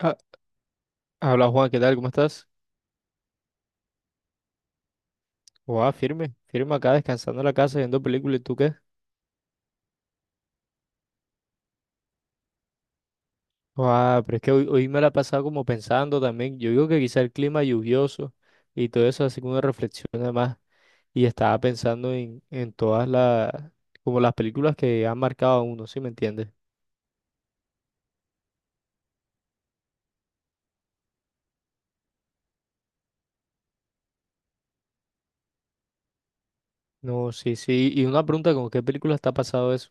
Ah, habla Juan, ¿qué tal? ¿Cómo estás? Guau, firme acá, descansando en la casa, viendo películas. ¿Y tú qué? Guau, pero es que hoy me la he pasado como pensando también. Yo digo que quizá el clima lluvioso y todo eso, así como una reflexión además. Y estaba pensando en todas las, como las películas que han marcado a uno, ¿sí me entiendes? No, sí, sí. Y una pregunta, ¿con qué película está pasado eso?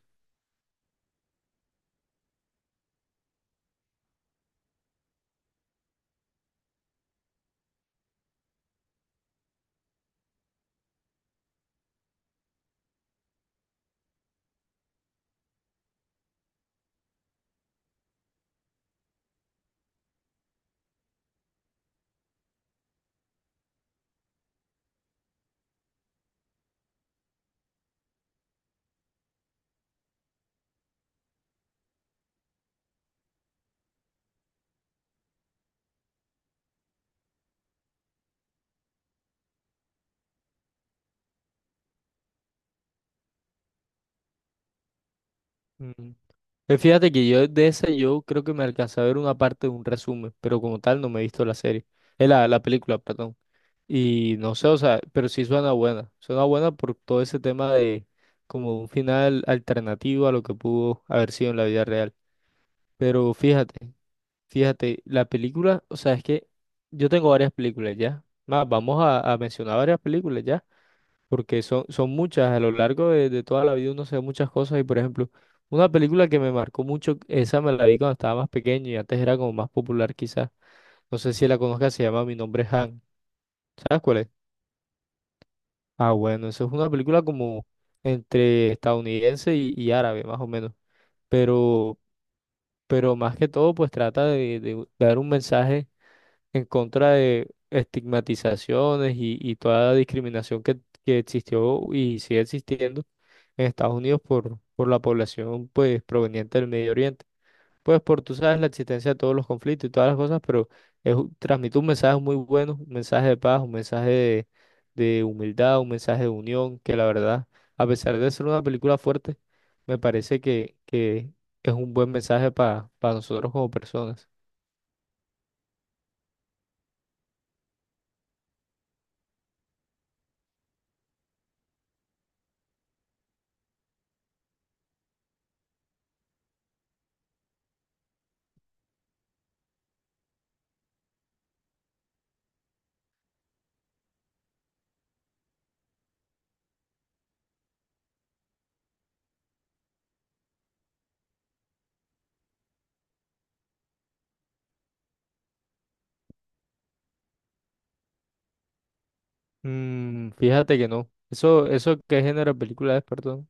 Mm. Fíjate que yo de esa yo creo que me alcancé a ver una parte de un resumen, pero como tal no me he visto la serie. La película, perdón. Y no sé, o sea, pero sí suena buena. Suena buena por todo ese tema de como un final alternativo a lo que pudo haber sido en la vida real. Pero fíjate, fíjate, la película, o sea, es que yo tengo varias películas ya. Más, vamos a mencionar varias películas ya, porque son, son muchas. A lo largo de toda la vida uno se ve muchas cosas. Y por ejemplo, una película que me marcó mucho, esa me la vi cuando estaba más pequeño y antes era como más popular quizás. No sé si la conozcas, se llama Mi nombre es Han. ¿Sabes cuál es? Ah, bueno, eso es una película como entre estadounidense y árabe, más o menos. Pero, pero más que todo, pues trata de dar un mensaje en contra de estigmatizaciones y toda la discriminación que existió y sigue existiendo en Estados Unidos por la población pues proveniente del Medio Oriente pues por, tú sabes, la existencia de todos los conflictos y todas las cosas, pero es, transmite un mensaje muy bueno, un mensaje de paz, un mensaje de humildad, un mensaje de unión, que la verdad, a pesar de ser una película fuerte, me parece que es un buen mensaje para nosotros como personas. Mm, fíjate que no. Eso qué género de película es, perdón.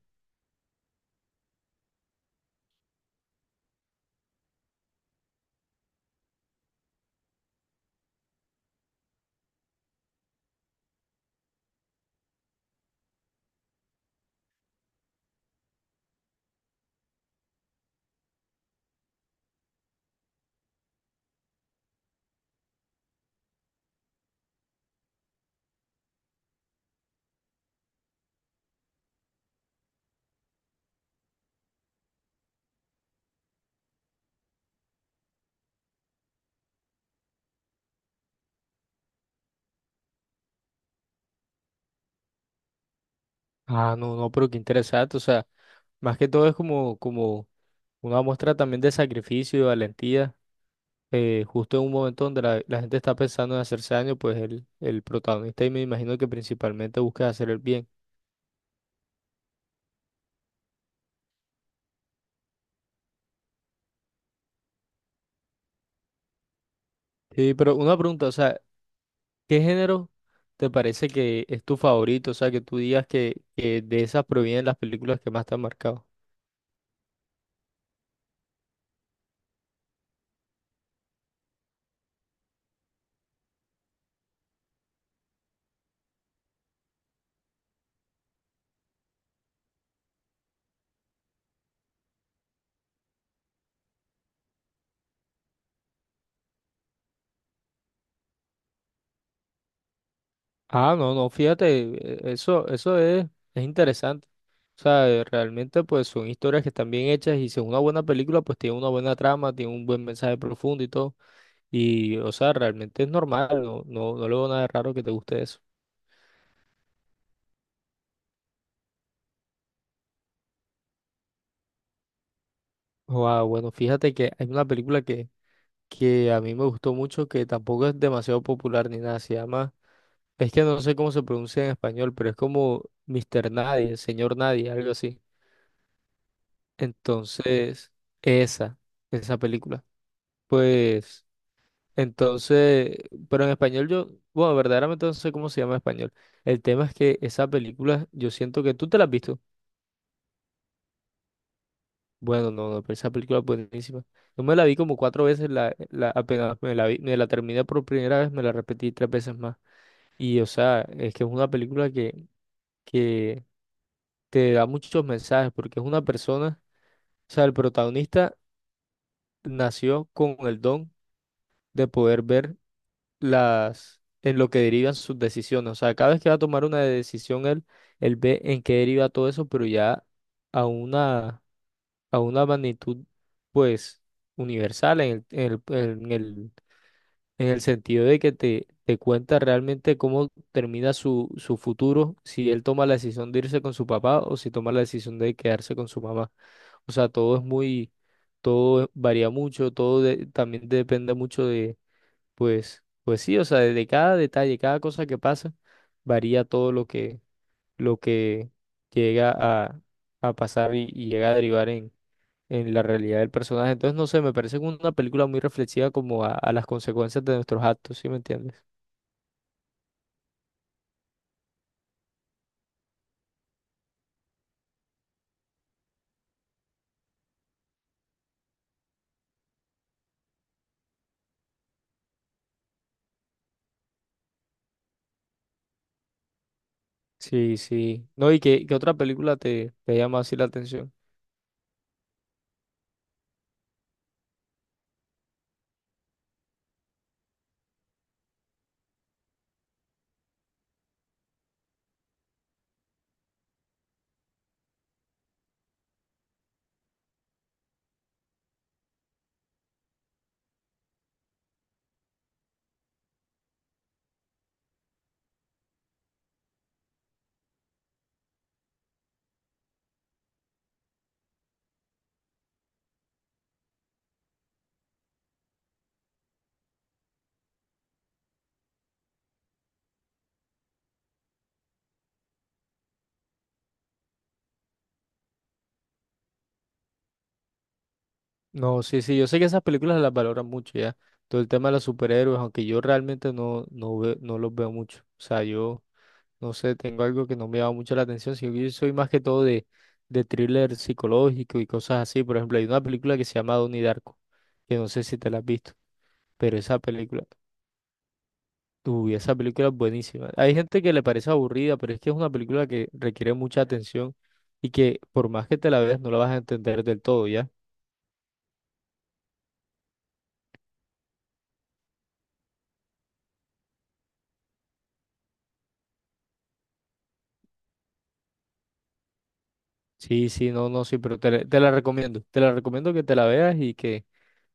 Ah, no, no, pero qué interesante. O sea, más que todo es como, como una muestra también de sacrificio y valentía justo en un momento donde la gente está pensando en hacerse daño, pues el protagonista y me imagino que principalmente busca hacer el bien. Sí, pero una pregunta, o sea, ¿qué género te parece que es tu favorito? O sea, que tú digas que de esas provienen las películas que más te han marcado. Ah, no, no, fíjate, eso, eso es interesante. O sea, realmente pues son historias que están bien hechas y si es una buena película, pues tiene una buena trama, tiene un buen mensaje profundo y todo. Y, o sea, realmente es normal, no, no, no le veo nada de raro que te guste eso. Wow, bueno, fíjate que hay una película que a mí me gustó mucho, que tampoco es demasiado popular ni nada, se llama, es que no sé cómo se pronuncia en español, pero es como Mister Nadie, Señor Nadie, algo así. Entonces, esa, esa película. Pues, entonces, pero en español yo, bueno, verdaderamente no sé cómo se llama en español. El tema es que esa película, yo siento que tú te la has visto. Bueno, no, no, pero esa película es buenísima. Yo me la vi como cuatro veces, la, apenas me la vi, me la terminé por primera vez, me la repetí tres veces más. Y o sea, es que es una película que te da muchos mensajes, porque es una persona, o sea, el protagonista nació con el don de poder ver las, en lo que derivan sus decisiones. O sea, cada vez que va a tomar una decisión, él ve en qué deriva todo eso, pero ya a una a una magnitud pues universal en el sentido de que te cuenta realmente cómo termina su, su futuro, si él toma la decisión de irse con su papá o si toma la decisión de quedarse con su mamá. O sea, todo es muy, todo varía mucho, también depende mucho de, pues, pues sí, o sea, de cada detalle, cada cosa que pasa, varía todo lo que llega a pasar y llega a derivar en la realidad del personaje. Entonces, no sé, me parece como una película muy reflexiva como a las consecuencias de nuestros actos, ¿sí me entiendes? Sí, sí. No, ¿y qué, qué otra película te, te llama así la atención? No, sí, sí, yo sé que esas películas las valoran mucho ya. Todo el tema de los superhéroes, aunque yo realmente no, no, no los veo mucho. O sea, yo no sé, tengo algo que no me llama mucho la atención, sino que yo soy más que todo de thriller psicológico y cosas así. Por ejemplo, hay una película que se llama Donnie Darko, que no sé si te la has visto, pero esa película. Uy, esa película es buenísima. Hay gente que le parece aburrida, pero es que es una película que requiere mucha atención y que por más que te la veas no la vas a entender del todo, ¿ya? Sí, sí, no, no, sí, pero te la recomiendo. Te la recomiendo que te la veas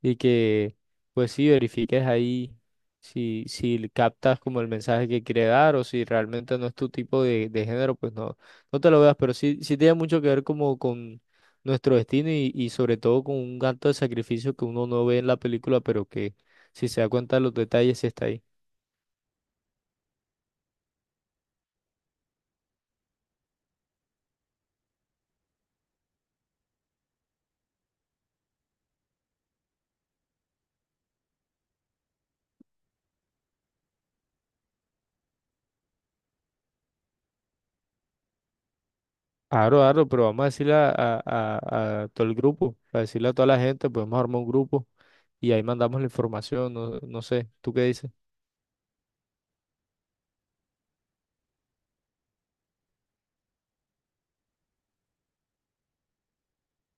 y que pues sí verifiques ahí si, si captas como el mensaje que quiere dar o si realmente no es tu tipo de género, pues no, no te lo veas, pero sí, sí tiene mucho que ver como con nuestro destino y sobre todo con un acto de sacrificio que uno no ve en la película, pero que si se da cuenta de los detalles sí está ahí. Aro, aro, pero vamos a decirle a todo el grupo, a decirle a toda la gente, podemos armar un grupo y ahí mandamos la información, no, no sé, ¿tú qué dices?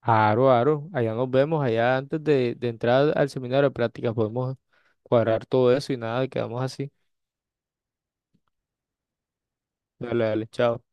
Aro, aro, allá nos vemos, allá antes de entrar al seminario de prácticas podemos cuadrar todo eso y nada, quedamos así. Dale, dale, chao.